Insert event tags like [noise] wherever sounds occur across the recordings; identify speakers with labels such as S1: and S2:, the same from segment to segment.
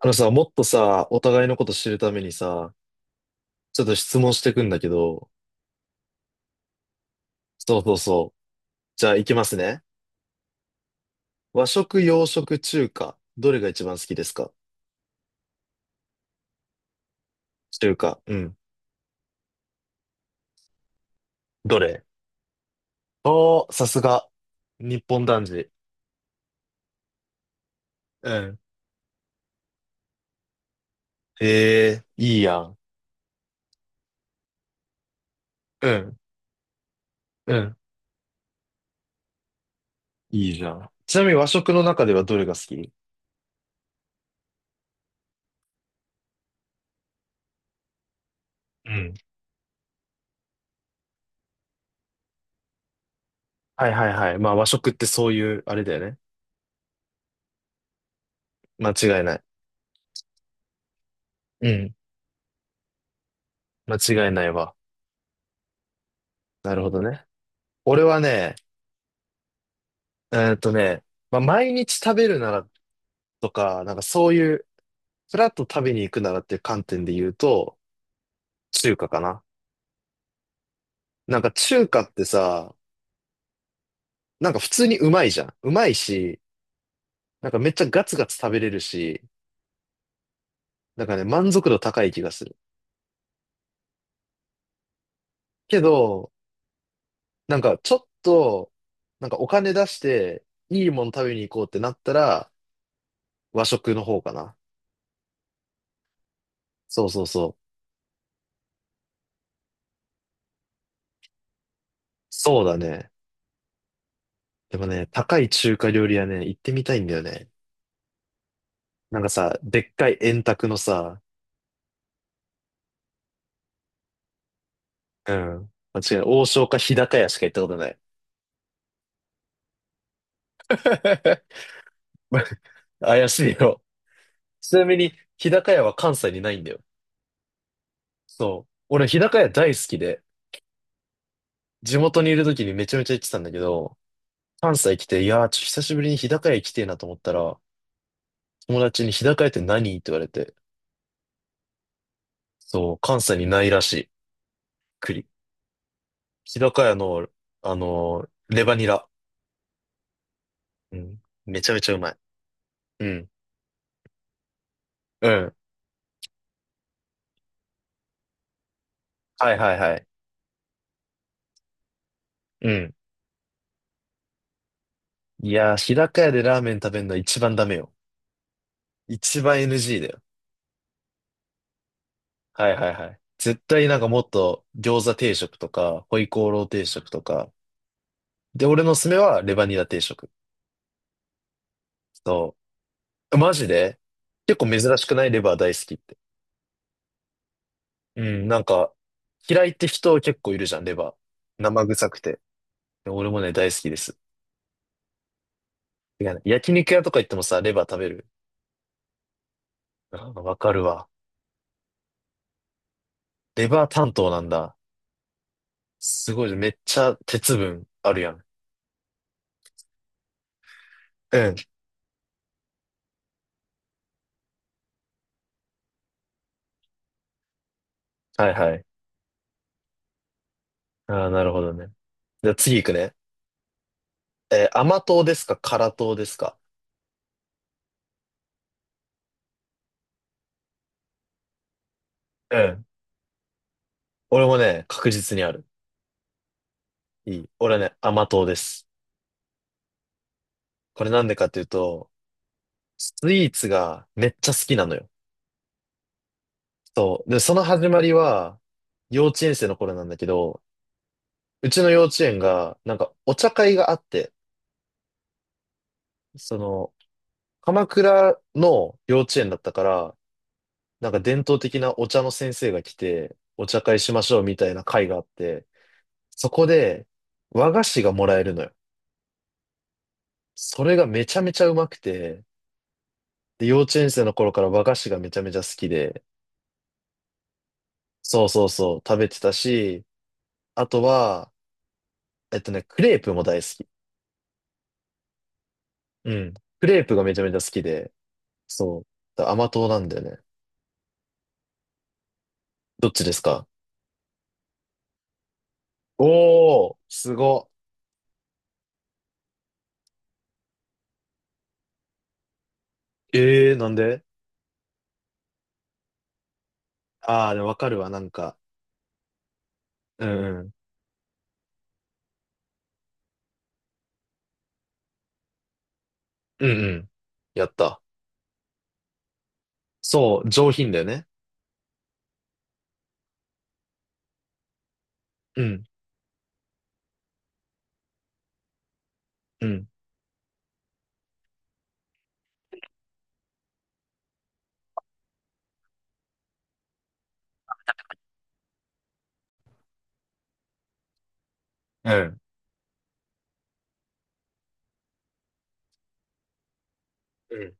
S1: あのさ、もっとさ、お互いのこと知るためにさ、ちょっと質問してくんだけど、そうそうそう。じゃあ、いきますね。和食、洋食、中華。どれが一番好きですか？中華。うん。どれ？おー、さすが。日本男児。うん。へえ、いいやん。うん。うん。いいじゃん。ちなみに和食の中ではどれが好き？うん。はいはいはい。まあ和食ってそういう、あれだよね。間違いない。うん。間違いないわ。なるほどね。俺はね、えーっとね、まあ、毎日食べるならとか、なんかそういう、フラッと食べに行くならっていう観点で言うと、中華かな。なんか中華ってさ、なんか普通にうまいじゃん。うまいし、なんかめっちゃガツガツ食べれるし、なんかね、満足度高い気がする。けど、なんかちょっと、なんかお金出して、いいもの食べに行こうってなったら、和食の方かな。そうそうそう。そうだね。でもね、高い中華料理はね、行ってみたいんだよね。なんかさ、でっかい円卓のさ、うん。間違いない。王将か日高屋しか行ったことない。[laughs] 怪しいよ。ちなみに、日高屋は関西にないんだよ。そう。俺、日高屋大好きで、地元にいる時にめちゃめちゃ行ってたんだけど、関西来て、いやー、ちょっと久しぶりに日高屋行きてえなと思ったら、友達に日高屋って何って言われて、そう、関西にないらしい。栗。日高屋の、レバニラ。うん。めちゃめちゃうまい。うん。うん。はいはいはい。うん。いやー、日高屋でラーメン食べるのは一番ダメよ。一番 NG だよ。はいはいはい。絶対なんかもっと餃子定食とか、ホイコーロー定食とか。で、俺のおすすめはレバニラ定食。そう。マジで結構珍しくないレバー大好きって。うん、なんか、嫌いって人結構いるじゃん、レバー。生臭くて。で俺もね、大好きです。てかね焼肉屋とか行ってもさ、レバー食べる。あわかるわ。レバー担当なんだ。すごい、めっちゃ鉄分あるやん。うん。はいはい。ああ、なるほどね。じゃあ次行くね。甘党ですか辛党ですか？うん。俺もね、確実にある。いい。俺はね、甘党です。これなんでかっていうと、スイーツがめっちゃ好きなのよ。そう。で、その始まりは、幼稚園生の頃なんだけど、うちの幼稚園が、なんかお茶会があって、その、鎌倉の幼稚園だったから、なんか伝統的なお茶の先生が来て、お茶会しましょうみたいな会があって、そこで和菓子がもらえるのよ。それがめちゃめちゃうまくて、で、幼稚園生の頃から和菓子がめちゃめちゃ好きで、そうそうそう、食べてたし、あとは、クレープも大好き。うん。クレープがめちゃめちゃ好きで、そう。だから甘党なんだよね。どっちですか？おー、すご。えー、なんで？あー、でもわかるわ、なんか。うんうん。うんうん。やった。そう、上品だよね。うん、うん、うん。うん。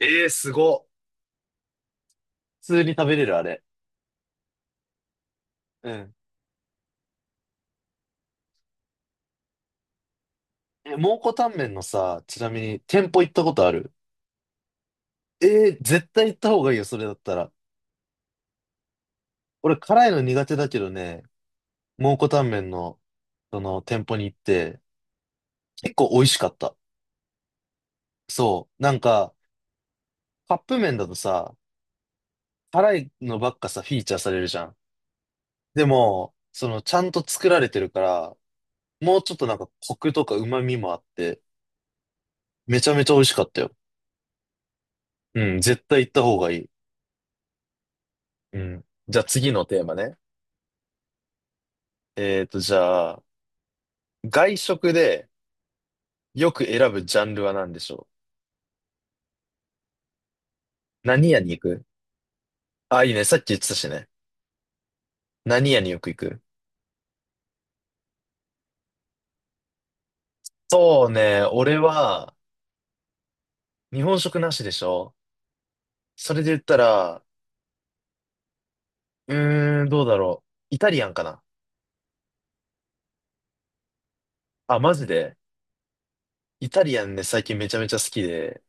S1: えー、すご。普通に食べれる、あれ。うん。え、蒙古タンメンのさ、ちなみに店舗行ったことある？えー、絶対行った方がいいよ、それだったら。俺、辛いの苦手だけどね、蒙古タンメンの、その、店舗に行って、結構美味しかった。そう。なんか、カップ麺だとさ、辛いのばっかさ、フィーチャーされるじゃん。でも、その、ちゃんと作られてるから、もうちょっとなんか、コクとか旨味もあって、めちゃめちゃ美味しかったよ。うん、絶対行った方がいい。うん。じゃあ次のテーマね。じゃあ、外食でよく選ぶジャンルは何でしょう？何屋に行く？あ、いいね。さっき言ってたしね。何屋によく行く？そうね。俺は、日本食なしでしょ？それで言ったら、うーん、どうだろう。イタリアンかな？あ、マジで。イタリアンね、最近めちゃめちゃ好きで、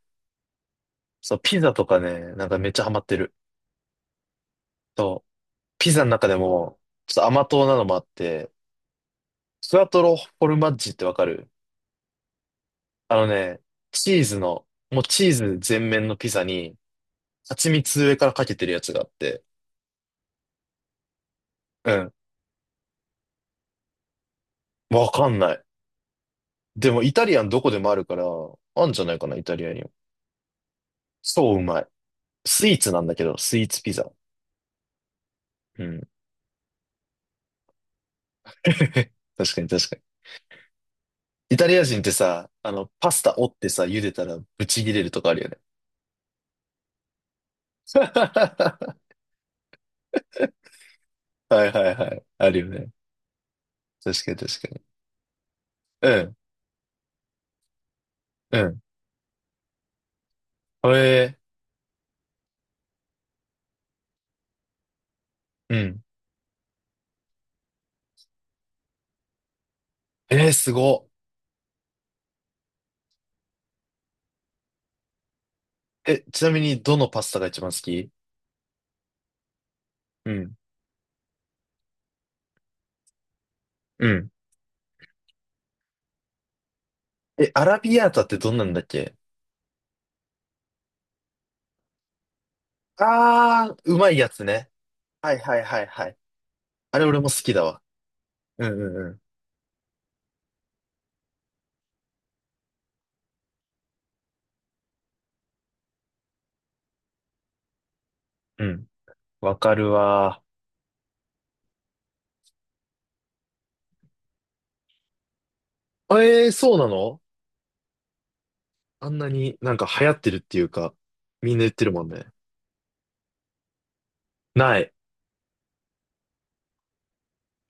S1: そう、ピザとかね、なんかめっちゃハマってる。そう、ピザの中でも、ちょっと甘党なのもあって、スクワトロフォルマッジってわかる？あのね、チーズの、もうチーズ全面のピザに、蜂蜜上からかけてるやつがあって。うん。わかんない。でもイタリアンどこでもあるから、あんじゃないかな、イタリアにも。そううまい。スイーツなんだけど、スイーツピザ。うん。[laughs] 確かに確かに。イタリア人ってさ、パスタ折ってさ、茹でたらブチ切れるとかあるよね。[laughs] はいはいはい。あるよね。確かに確かに。うん、うん。えー、うん。えー、すごっ。え、ちなみにどのパスタが一番好き？うん。うん。え、アラビアータってどんなんだっけ？あー、うまいやつね。はいはいはいはい。あれ俺も好きだわ。うんうんうん。うん。わかるわ。えー、そうなの？あんなになんか流行ってるっていうか、みんな言ってるもんね。ない。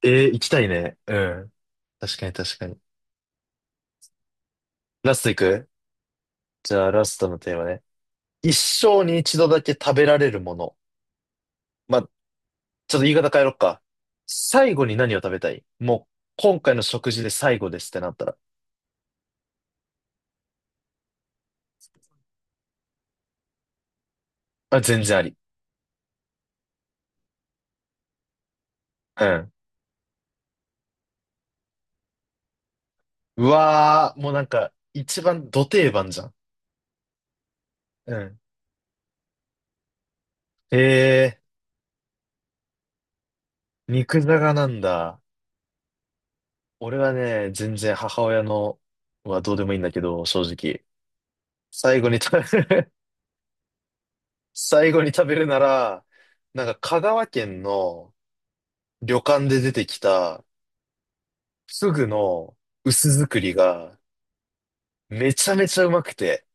S1: えー、行きたいね。うん。確かに確かに。ラスト行く？じゃあラストのテーマね。一生に一度だけ食べられるもの。まあ、ちょっと言い方変えろっか。最後に何を食べたい？もう、今回の食事で最後ですってなったら。あ、全然あり。うん。うわー、もうなんか、一番ド定番じゃん。うん。へえ、肉じゃがなんだ。俺はね、全然母親のはどうでもいいんだけど、正直。最後に食べる。 [laughs] 最後に食べるなら、なんか香川県の旅館で出てきたフグの薄作りがめちゃめちゃうまくて、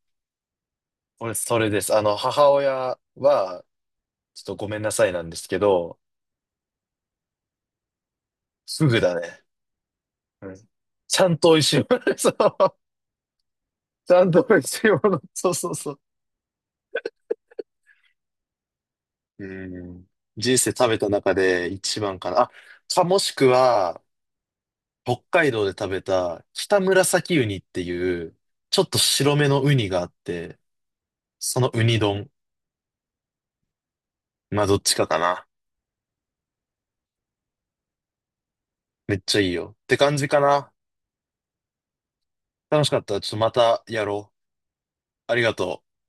S1: 俺それです。あの、母親は、ちょっとごめんなさいなんですけど、フグだね。はい。ちゃんと美味しいもの。[laughs] そう。ちゃんと美味しいもの。そうそうそう。うん。人生食べた中で一番かな。あ、かもしくは、北海道で食べた北紫ウニっていう、ちょっと白めのウニがあって、そのウニ丼。まあ、どっちかかな。めっちゃいいよ。って感じかな。楽しかった。ちょっとまたやろう。ありがとう。